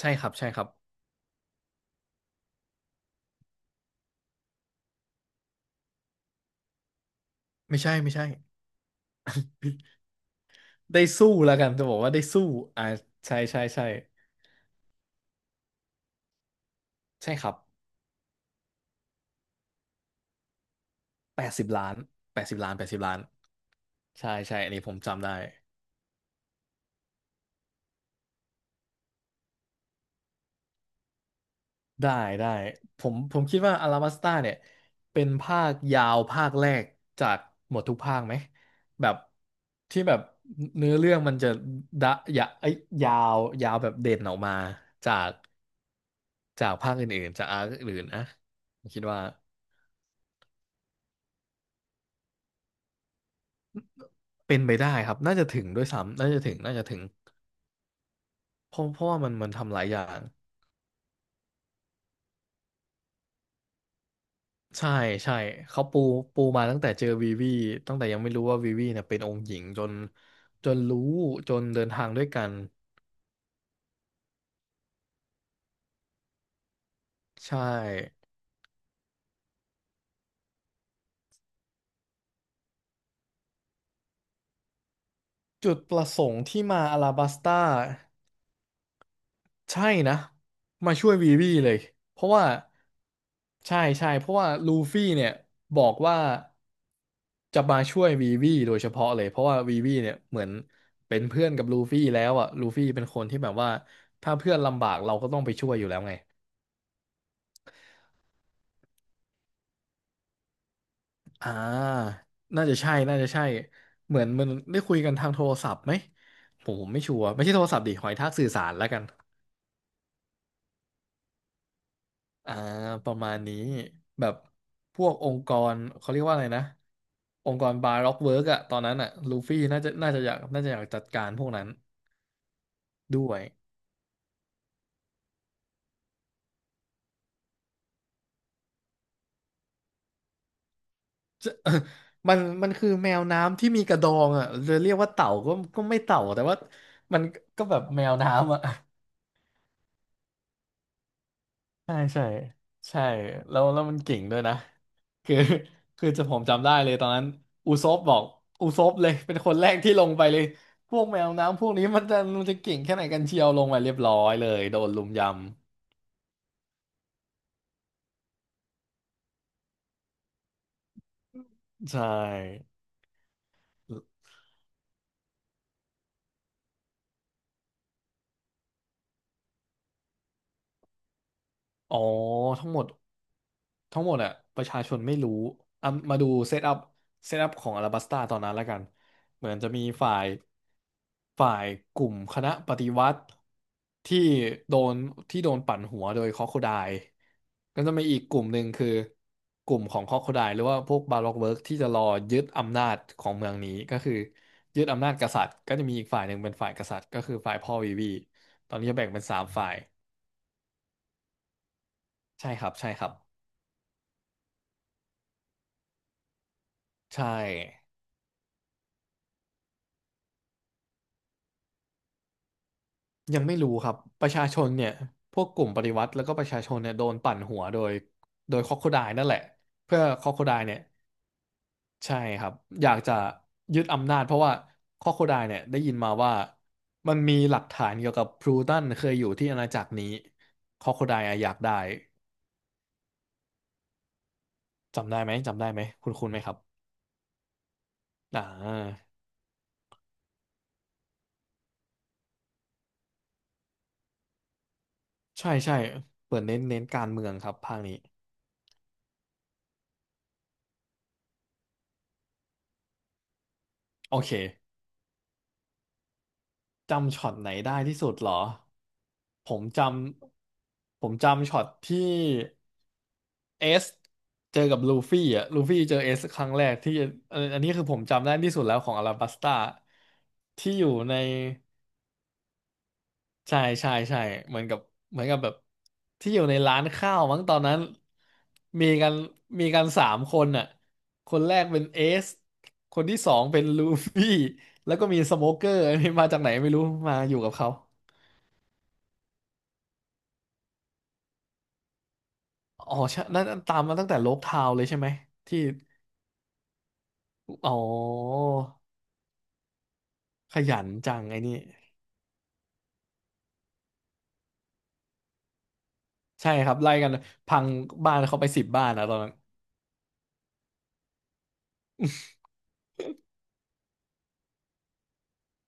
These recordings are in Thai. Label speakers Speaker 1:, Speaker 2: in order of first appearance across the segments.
Speaker 1: ใช่ครับใช่ครับไม่ใช่ไม่ใช่ได้สู้แล้วกันจะบอกว่าได้สู้อ่าใช่ใช่ใช่ใช่ครับแปดสิบล้านแปดสิบล้านแปดสิบล้านใช่ใช่อันนี้ผมจำได้ได้ได้ผมคิดว่าอาราบัสตาเนี่ยเป็นภาคยาวภาคแรกจากหมดทุกภาคไหมแบบที่แบบเนื้อเรื่องมันจะดะยะเอ้ยยาวยาวแบบเด่นออกมาจากจากภาคอื่นๆจากอาร์คอื่นๆนะผมคิดว่า เป็นไปได้ครับน่าจะถึงด้วยซ้ำน่าจะถึงน่าจะถึงเพราะว่ามันทำหลายอย่างใช่ใช่เขาปูปูมาตั้งแต่เจอวีวีตั้งแต่ยังไม่รู้ว่าวีวีเนี่ยเป็นองค์หญิงจนรู้จนเดินทางด้วยกันใช่จุดประสงค์ที่มาอาราบัสตา ใช่นะมาช่วยวีวีเลยเพราะว่าใช่ใช่เพราะว่าลูฟี่เนี่ยบอกว่าจะมาช่วยวีวีโดยเฉพาะเลยเพราะว่าวีวีเนี่ยเหมือนเป็นเพื่อนกับลูฟี่แล้วอ่ะลูฟี่เป็นคนที่แบบว่าถ้าเพื่อนลำบากเราก็ต้องไปช่วยอยู่แล้วไงอ่าน่าจะใช่น่าจะใช่เหมือนมันได้คุยกันทางโทรศัพท์ไหมผมไม่ชัวร์ไม่ใช่โทรศัพท์ดิหอยทากสื่อสารแล้วกัน อ่าประมาณนี้แบบพวกองค์กรเขาเรียกว่าอะไรนะองค์กรบาร็อกเวิร์กอะตอนนั้นอะลูฟี่น่าจะอยากจัดการพวกนั้นด้วยมันคือแมวน้ำที่มีกระดองอะจะเรียกว่าเต่าก็ไม่เต่าแต่ว่ามันก็แบบแมวน้ำอะ ใช่ใช่ใช่แล้วมันเก่งด้วยนะคือคือผมจำได้เลยตอนนั้นอูซบบอกอูซบเลยเป็นคนแรกที่ลงไปเลยพวกแมวน้ำพวกนี้มันจะเก่งแค่ไหนกันเชียวลงไปเรียบร้อยเลยโดนลุมยำใช่อ๋อทั้งหมด ทั้งหมดอะประชาชนไม่รู้อ่ะมาดูเซตอัพเซตอัพของอลาบัสตาตอนนั้นแล้วกันเหมือนจะมีฝ่ายฝ่ายกลุ่มคณะปฏิวัติที่โดนที่โดนปั่นหัวโดยคอคโคไดล์ก็จะมีอีกกลุ่มหนึ่งคือกลุ่มของคอคโคไดล์หรือว่าพวกบาร็อกเวิร์กที่จะรอยึดอำนาจของเมืองนี้ก็คือยึดอำนาจกษัตริย์ก็จะมีอีกฝ่ายหนึ่งเป็นฝ่ายกษัตริย์ก็คือฝ่ายพ่อวีวีตอนนี้จะแบ่งเป็นสามฝ่ายใช่ครับใช่ครับใช่ ยังไม่รู้ครับประชาชนเนี่ยพวกกลุ่มปฏิวัติแล้วก็ประชาชนเนี่ยโดนปั่นหัวโดยคอกโคไดนั่นแหละเพื่อคอกโคไดเนี่ยใช่ครับอยากจะยึดอำนาจเพราะว่าคอกโคไดเนี่ยได้ยินมาว่ามันมีหลักฐานเกี่ยวกับพลูตันเคยอยู่ที่อาณาจักรนี้คอกโคไดอะอยากได้จำได้ไหมจำได้ไหมคุณไหมครับอ่าใช่ใช่เปิดเน้นการเมืองครับภาคนี้โอเค จำช็อตไหนได้ที่สุดเหรอ ผมจำ ผมจำช็อตที่เอสเจอกับลูฟี่อ่ะลูฟี่เจอเอสครั้งแรกที่อันนี้คือผมจำได้ที่สุดแล้วของอาราบัสตาที่อยู่ในใช่ใช่ใช่เหมือนกับเหมือนกับแบบที่อยู่ในร้านข้าวมั้งตอนนั้นมีกันมีกันสามคนอ่ะคนแรกเป็นเอสคนที่สองเป็นลูฟี่แล้วก็มีสโมเกอร์อันนี้มาจากไหนไม่รู้มาอยู่กับเขา อ๋อใช่นั่นตามมาตั้งแต่โลกทาวน์เลยใช่ไหมที่อ๋อขยันจังไอ้นี่ใช่ครับไล่กันพังบ้านเขาไปสิบบ้านนะตอนนั้น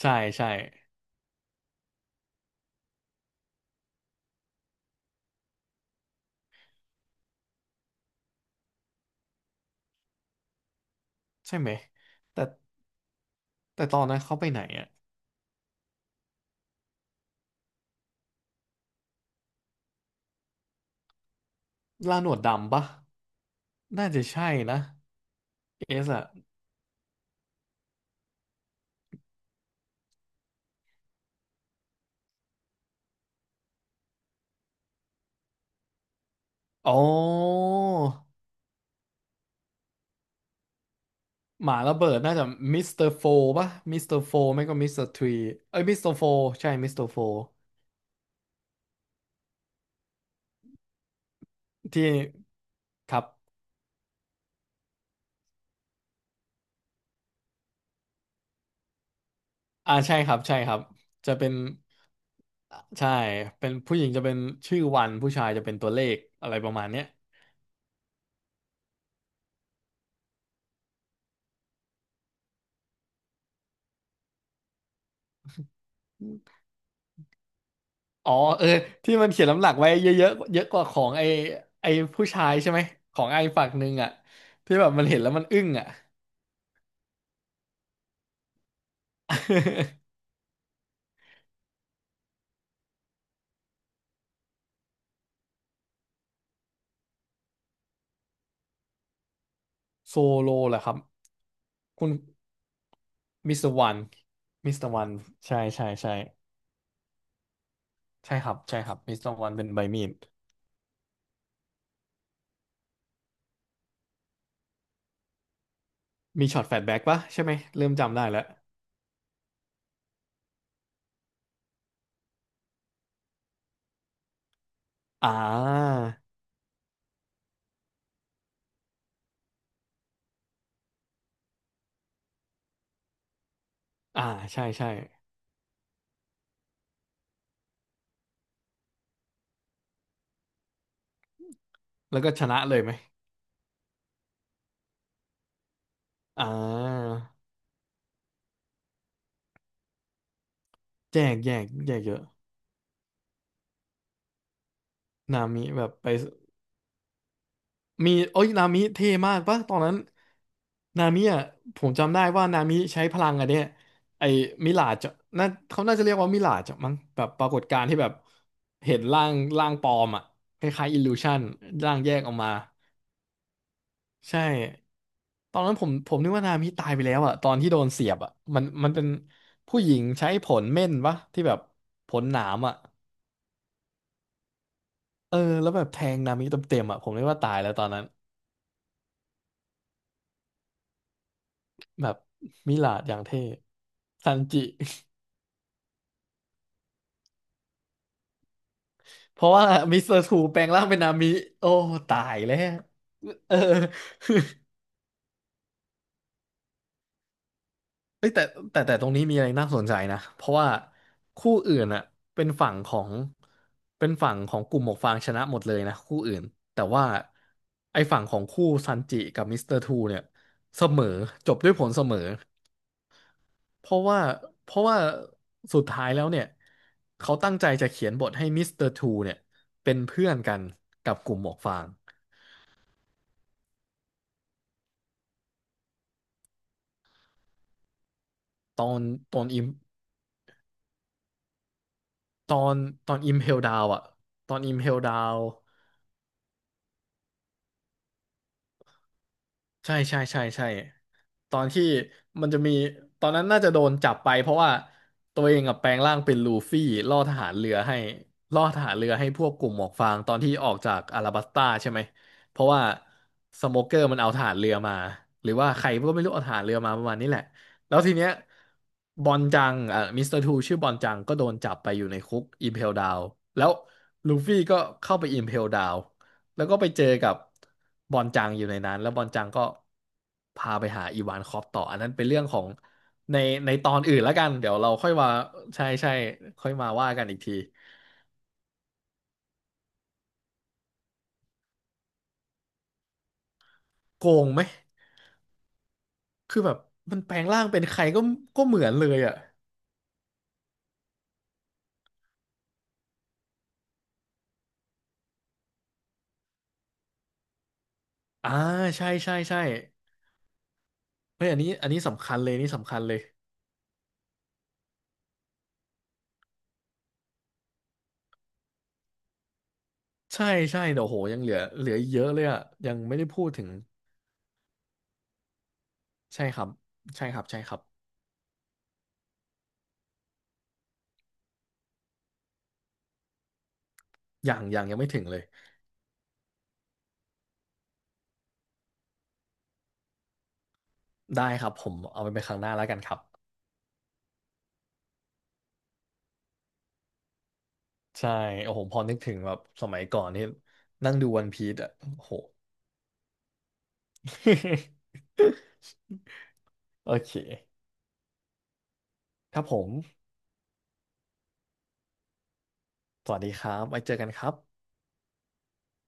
Speaker 1: ใช่ใช่ใช่ไหมแต่แต่ตอนนั้นเขาไปไหนอะล่าหนวดดำปะน่าจะใช่นะเอสอะอ๋อหมาระเบิดน่าจะมิสเตอร์โฟปะมิสเตอร์โฟไม่ก็มิสเตอร์ทรีเอ้ยมิสเตอร์โฟใช่มิสเตอร์โฟที่ครับอ่าใช่ครับใช่ครับจะเป็น ใช่เป็นผู้หญิงจะเป็นชื่อวันผู้ชายจะเป็นตัวเลขอะไรประมาณเนี้ยอ๋อเออที่มันเขียนลำหลักไว้เยอะเยอะเยอะกว่าของไอไอผู้ชายใช่ไหมของไอฝั่งหนึ่งอ่ะที่แบบมันเห็นแล้วมันอึ้งอ่ะ โซโลเหรอครับคุณมิสเตอร์วันมิสเตอร์วันใช่ใช่ใช่ใช่ครับใช่ครับมิสเตอร์วันเป็นใบมีดมีช็อตแฟลชแบ็กปะใช่ไหมเริ่มจำได้แล้วอ่าอ่าใช่ใช่แล้วก็ชนะเลยไหมอ่าแยกเยอะ นามิแบบไปมีโอ้ยนามิเท่มากปะตอนนั้นนามิอ่ะจำได้ว่านามิใช้พลังอะเนี่ยไอ้มิลาจน่าเขาน่าจะเรียกว่ามิลาจมั้งแบบปรากฏการณ์ที่แบบเห็นร่างปลอมอ่ะคล้ายๆอิลลูชันร่างแยกออกมาใช่ตอนนั้นผมนึกว่านามิตายไปแล้วอ่ะตอนที่โดนเสียบอ่ะมันเป็นผู้หญิงใช้ผลเม่นปะที่แบบผลหนามอ่ะเออแล้วแบบแทงนามิเต็มๆอ่ะผมนึกว่าตายแล้วตอนนั้น แบบมิลาดอย่างเท่ซันจิ เพราะว่ามิสเตอร์ทูแปลงร่างเป็นนามิโอ้ตายแล้วเออเฮ้ยแต่ตรงนี้มีอะไรน่าสนใจนะเพราะว่าคู่อื่นอ่ะเป็นฝั่งของกลุ่มหมวกฟางชนะหมดเลยนะคู่อื่นแต่ว่าไอ้ฝั่งของคู่ซันจิกับมิสเตอร์ทูเนี่ยเสมอจบด้วยผลเสมอ เพราะว่าเพราะว่าสุดท้ายแล้วเนี่ยเขาตั้งใจจะเขียนบทให้มิสเตอร์ทูเนี่ยเป็นเพื่อนกันกับกลุ่มหมวกฟางตอนตอนอิมตอนตอนอิมเพลดาวอะตอนอิมเพลดาว ใช่ใช่ใช่ใช่ตอนที่มันจะมีตอนนั้นน่าจะโดนจับไปเพราะว่าตัวเองกับแปลงร่างเป็นลูฟี่ล่อทหารเรือให้ล่อทหารเรือให้พวกกลุ่มหมวกฟางตอนที่ออกจากอาราบัสตาใช่ไหมเพราะว่าสโมเกอร์มันเอาทหารเรือมาหรือว่าใครก็ไม่รู้เอาทหารเรือมาประมาณนี้แหละแล้วทีเนี้ยบอนจังอ่ะมิสเตอร์ทูชื่อบอนจังก็โดนจับไปอยู่ในคุกอิมเพลดาวแล้วลูฟี่ก็เข้าไปอิมเพลดาว แล้วก็ไปเจอกับบอนจังอยู่ในนั้นแล้วบอนจังก็พาไปหาอีวานคอปต่ออันนั้นเป็นเรื่องของในตอนอื่นแล้วกันเดี๋ยวเราค่อยมาใช่ใช่ค่อยมาว่ากันอีกทีโกงไหมคือแบบมันแปลงร่างเป็นใครก็เหมือนเลยอ่ะอ่าใช่ใช่ใช่เฮ้ยอันนี้สำคัญเลยนี่สำคัญเลยใช่ใช่เดี๋ยวโหยังเหลืออีกเยอะเลยอ่ะยังไม่ได้พูดถึงใช่ครับใช่ครับใช่ครับอย่างยังไม่ถึงเลยได้ครับผมเอาไปเป็นครั้งหน้าแล้วกันครับ ใช่โอ้โหพอนึกถึงแบบสมัยก่อนนี่นั่งดูวันพีซอ่ะโอ้โห โอเคครับผม สวัสดีครับไว้เจอกันครับ